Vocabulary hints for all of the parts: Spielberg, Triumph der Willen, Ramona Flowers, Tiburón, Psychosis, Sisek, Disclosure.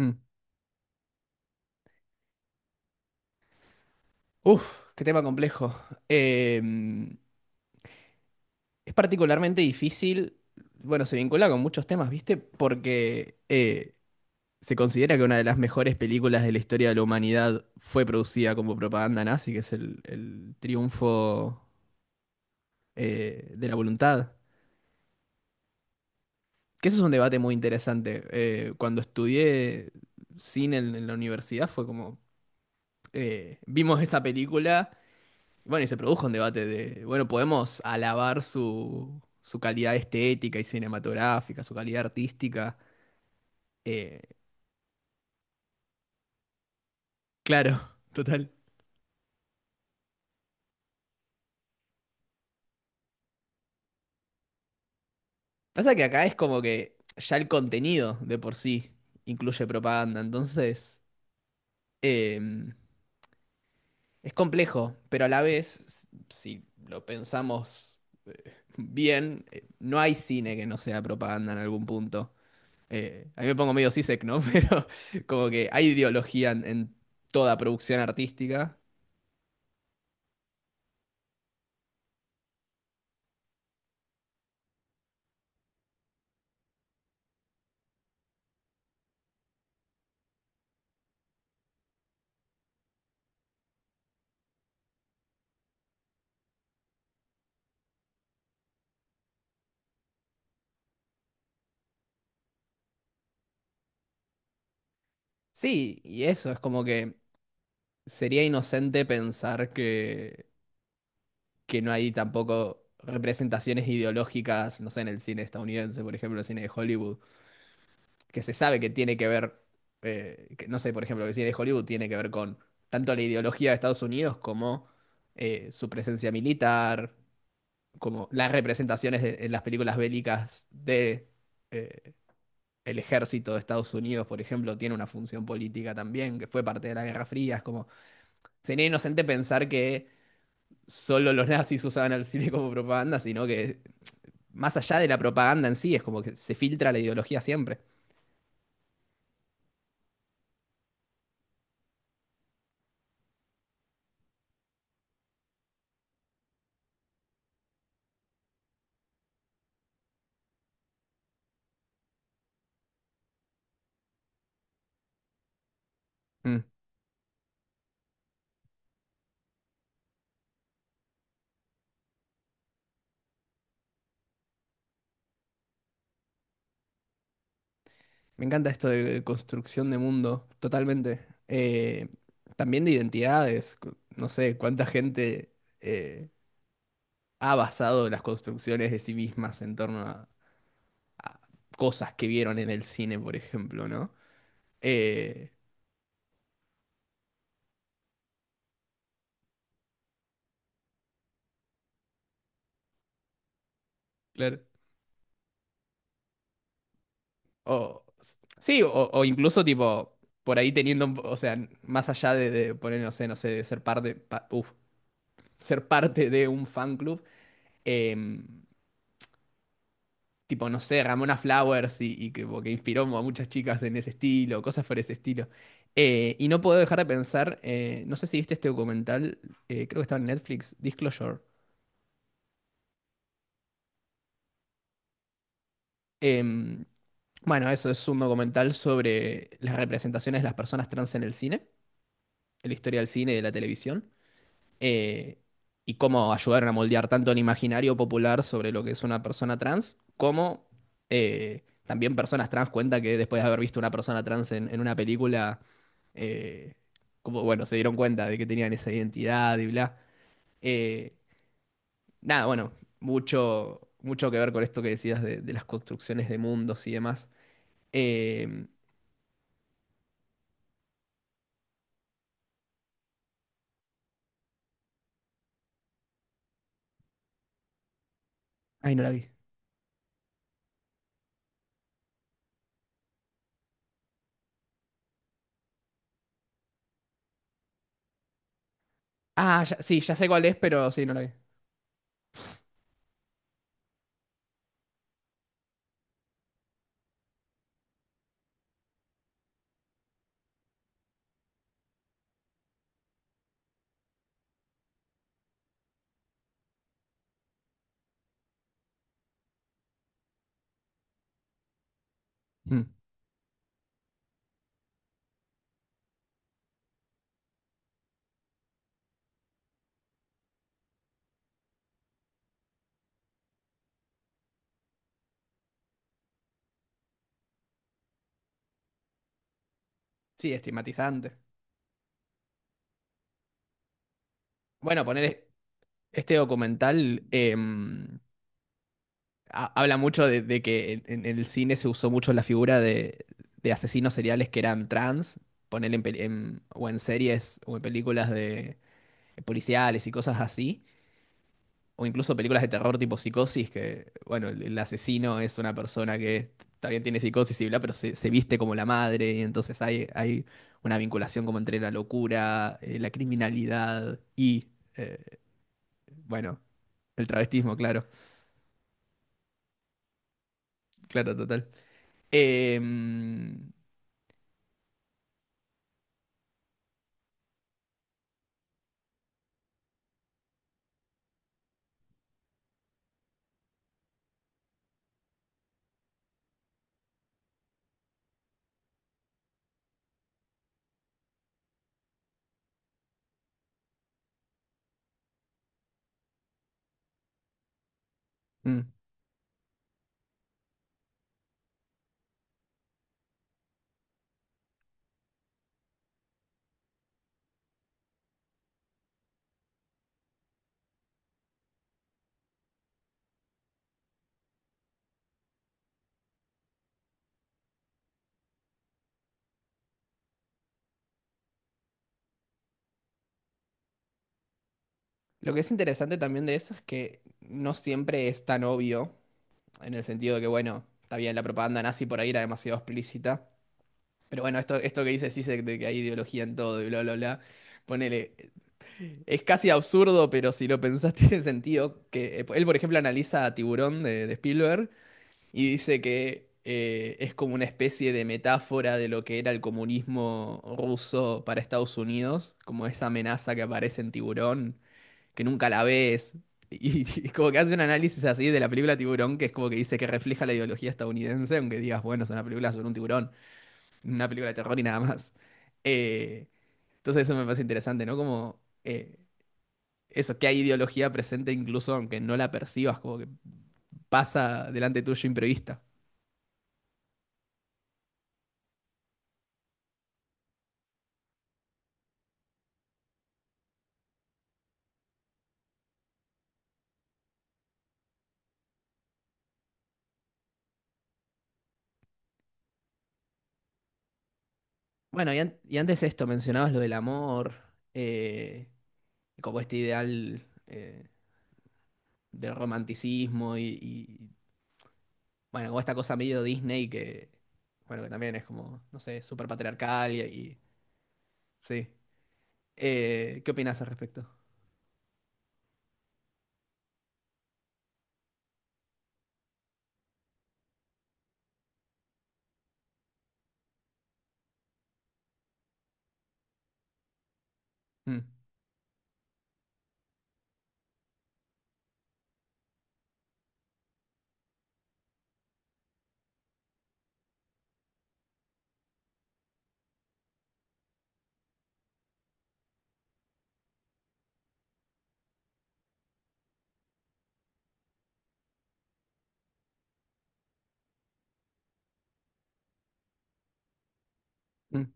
Mm. Uf, qué tema complejo. Em, es particularmente difícil, bueno, se vincula con muchos temas, ¿viste? Porque se considera que una de las mejores películas de la historia de la humanidad fue producida como propaganda nazi, que es el triunfo de la voluntad. Que eso es un debate muy interesante. Cuando estudié cine en la universidad fue como, vimos esa película. Bueno, y se produjo un debate de, bueno, podemos alabar su calidad estética y cinematográfica, su calidad artística. Eh, claro, total. Pasa que acá es como que ya el contenido de por sí incluye propaganda, entonces eh, es complejo, pero a la vez, si lo pensamos bien, no hay cine que no sea propaganda en algún punto. A mí me pongo medio sisek, ¿no? Pero como que hay ideología en toda producción artística. Sí, y eso es como que sería inocente pensar que no hay tampoco representaciones ideológicas, no sé, en el cine estadounidense, por ejemplo, el cine de Hollywood, que se sabe que tiene que ver, que, no sé, por ejemplo, que el cine de Hollywood tiene que ver con tanto la ideología de Estados Unidos como su presencia militar, como las representaciones de- en las películas bélicas de eh, el ejército de Estados Unidos, por ejemplo, tiene una función política también, que fue parte de la Guerra Fría, es como sería inocente pensar que solo los nazis usaban al cine como propaganda, sino que más allá de la propaganda en sí, es como que se filtra la ideología siempre. Mm. Me encanta esto de construcción de mundo, totalmente. También de identidades, cu- no sé cuánta gente eh, ha basado las construcciones de sí mismas en torno a cosas que vieron en el cine, por ejemplo, ¿no? Eh, claro. O, sí, o incluso tipo, por ahí teniendo, un po- o sea, más allá de poner, no sé, no sé, ser parte, pa- uf, ser parte de un fan club, em, tipo, no sé, Ramona Flowers y que, como que inspiró a muchas chicas en ese estilo, cosas por ese estilo. Y no puedo dejar de pensar, no sé si viste este documental, creo que estaba en Netflix, Disclosure. Em, bueno, eso es un documental sobre las representaciones de las personas trans en el cine, en la historia del cine y de la televisión. eh, y cómo ayudaron a moldear tanto el imaginario popular sobre lo que es una persona trans, como también personas trans cuenta que después de haber visto una persona trans en una película, eh, como, bueno, se dieron cuenta de que tenían esa identidad y bla. Eh, nada, bueno, mucho, mucho que ver con esto que decías de las construcciones de mundos y demás. Eh, ay, no la vi. Ah, ya- sí, ya sé cuál es, pero sí, no la vi. Mm. Sí, estigmatizante. Bueno, poner... Este documental ha- habla mucho de que en el cine se usó mucho la figura de asesinos seriales que eran trans, poner en, peli- en- o en series o en películas de policiales y cosas así, o incluso películas de terror tipo Psicosis, que, bueno, el asesino es una persona que también tiene psicosis y bla, pero se viste como la madre, y entonces hay una vinculación como entre la locura, la criminalidad y, eh, bueno, el travestismo, claro, claro, total. Mm, lo que es interesante también de eso es que no siempre es tan obvio, en el sentido de que, bueno, está bien, la propaganda nazi por ahí era demasiado explícita, pero bueno, esto que dice Sisek de que hay ideología en todo y bla, bla, bla, ponele, es casi absurdo, pero si lo pensás tiene sentido, que él, por ejemplo, analiza a Tiburón de Spielberg y dice que es como una especie de metáfora de lo que era el comunismo ruso para Estados Unidos, como esa amenaza que aparece en Tiburón que nunca la ves. Y como que hace un análisis así de la película Tiburón, que es como que dice que refleja la ideología estadounidense, aunque digas, bueno, es una película sobre un tiburón, una película de terror y nada más. Eh, entonces eso me parece interesante, ¿no? Como eso, que hay ideología presente incluso aunque no la percibas, como que pasa delante tuyo imprevista. Bueno, y, an- y antes esto, mencionabas lo del amor, eh, como este ideal del romanticismo y, bueno, como esta cosa medio Disney que, bueno, que también es como, no sé, súper patriarcal y- sí. ¿Qué opinas al respecto? Mm, mm,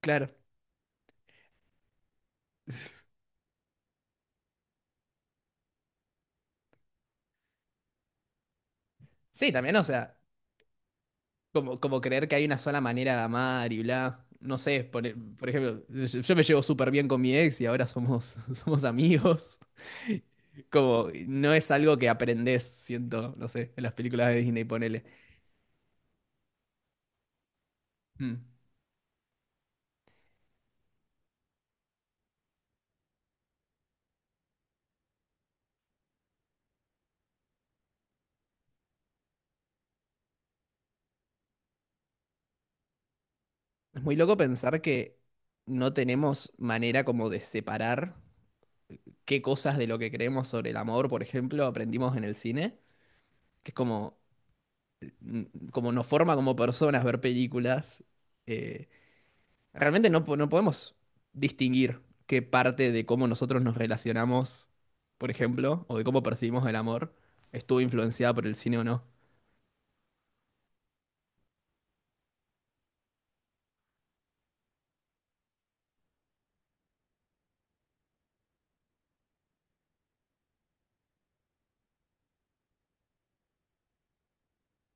claro. Sí, también, o sea, como, como creer que hay una sola manera de amar y bla. No sé, por, e- por ejemplo, yo me llevo súper bien con mi ex y ahora somos, somos amigos. Como, no es algo que aprendes, siento, no sé, en las películas de Disney, ponele. Mm. Es muy loco pensar que no tenemos manera como de separar. Qué cosas de lo que creemos sobre el amor, por ejemplo, aprendimos en el cine, que es como, mm, como nos forma como personas ver películas. eh, realmente no, po- no podemos distinguir qué parte de cómo nosotros nos relacionamos, por ejemplo, o de cómo percibimos el amor, estuvo influenciada por el cine o no.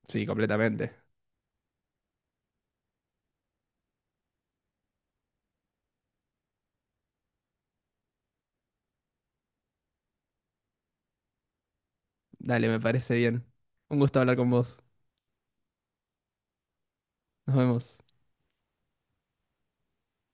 Sí, completamente. Dale, me parece bien. Un gusto hablar con vos. Nos vemos.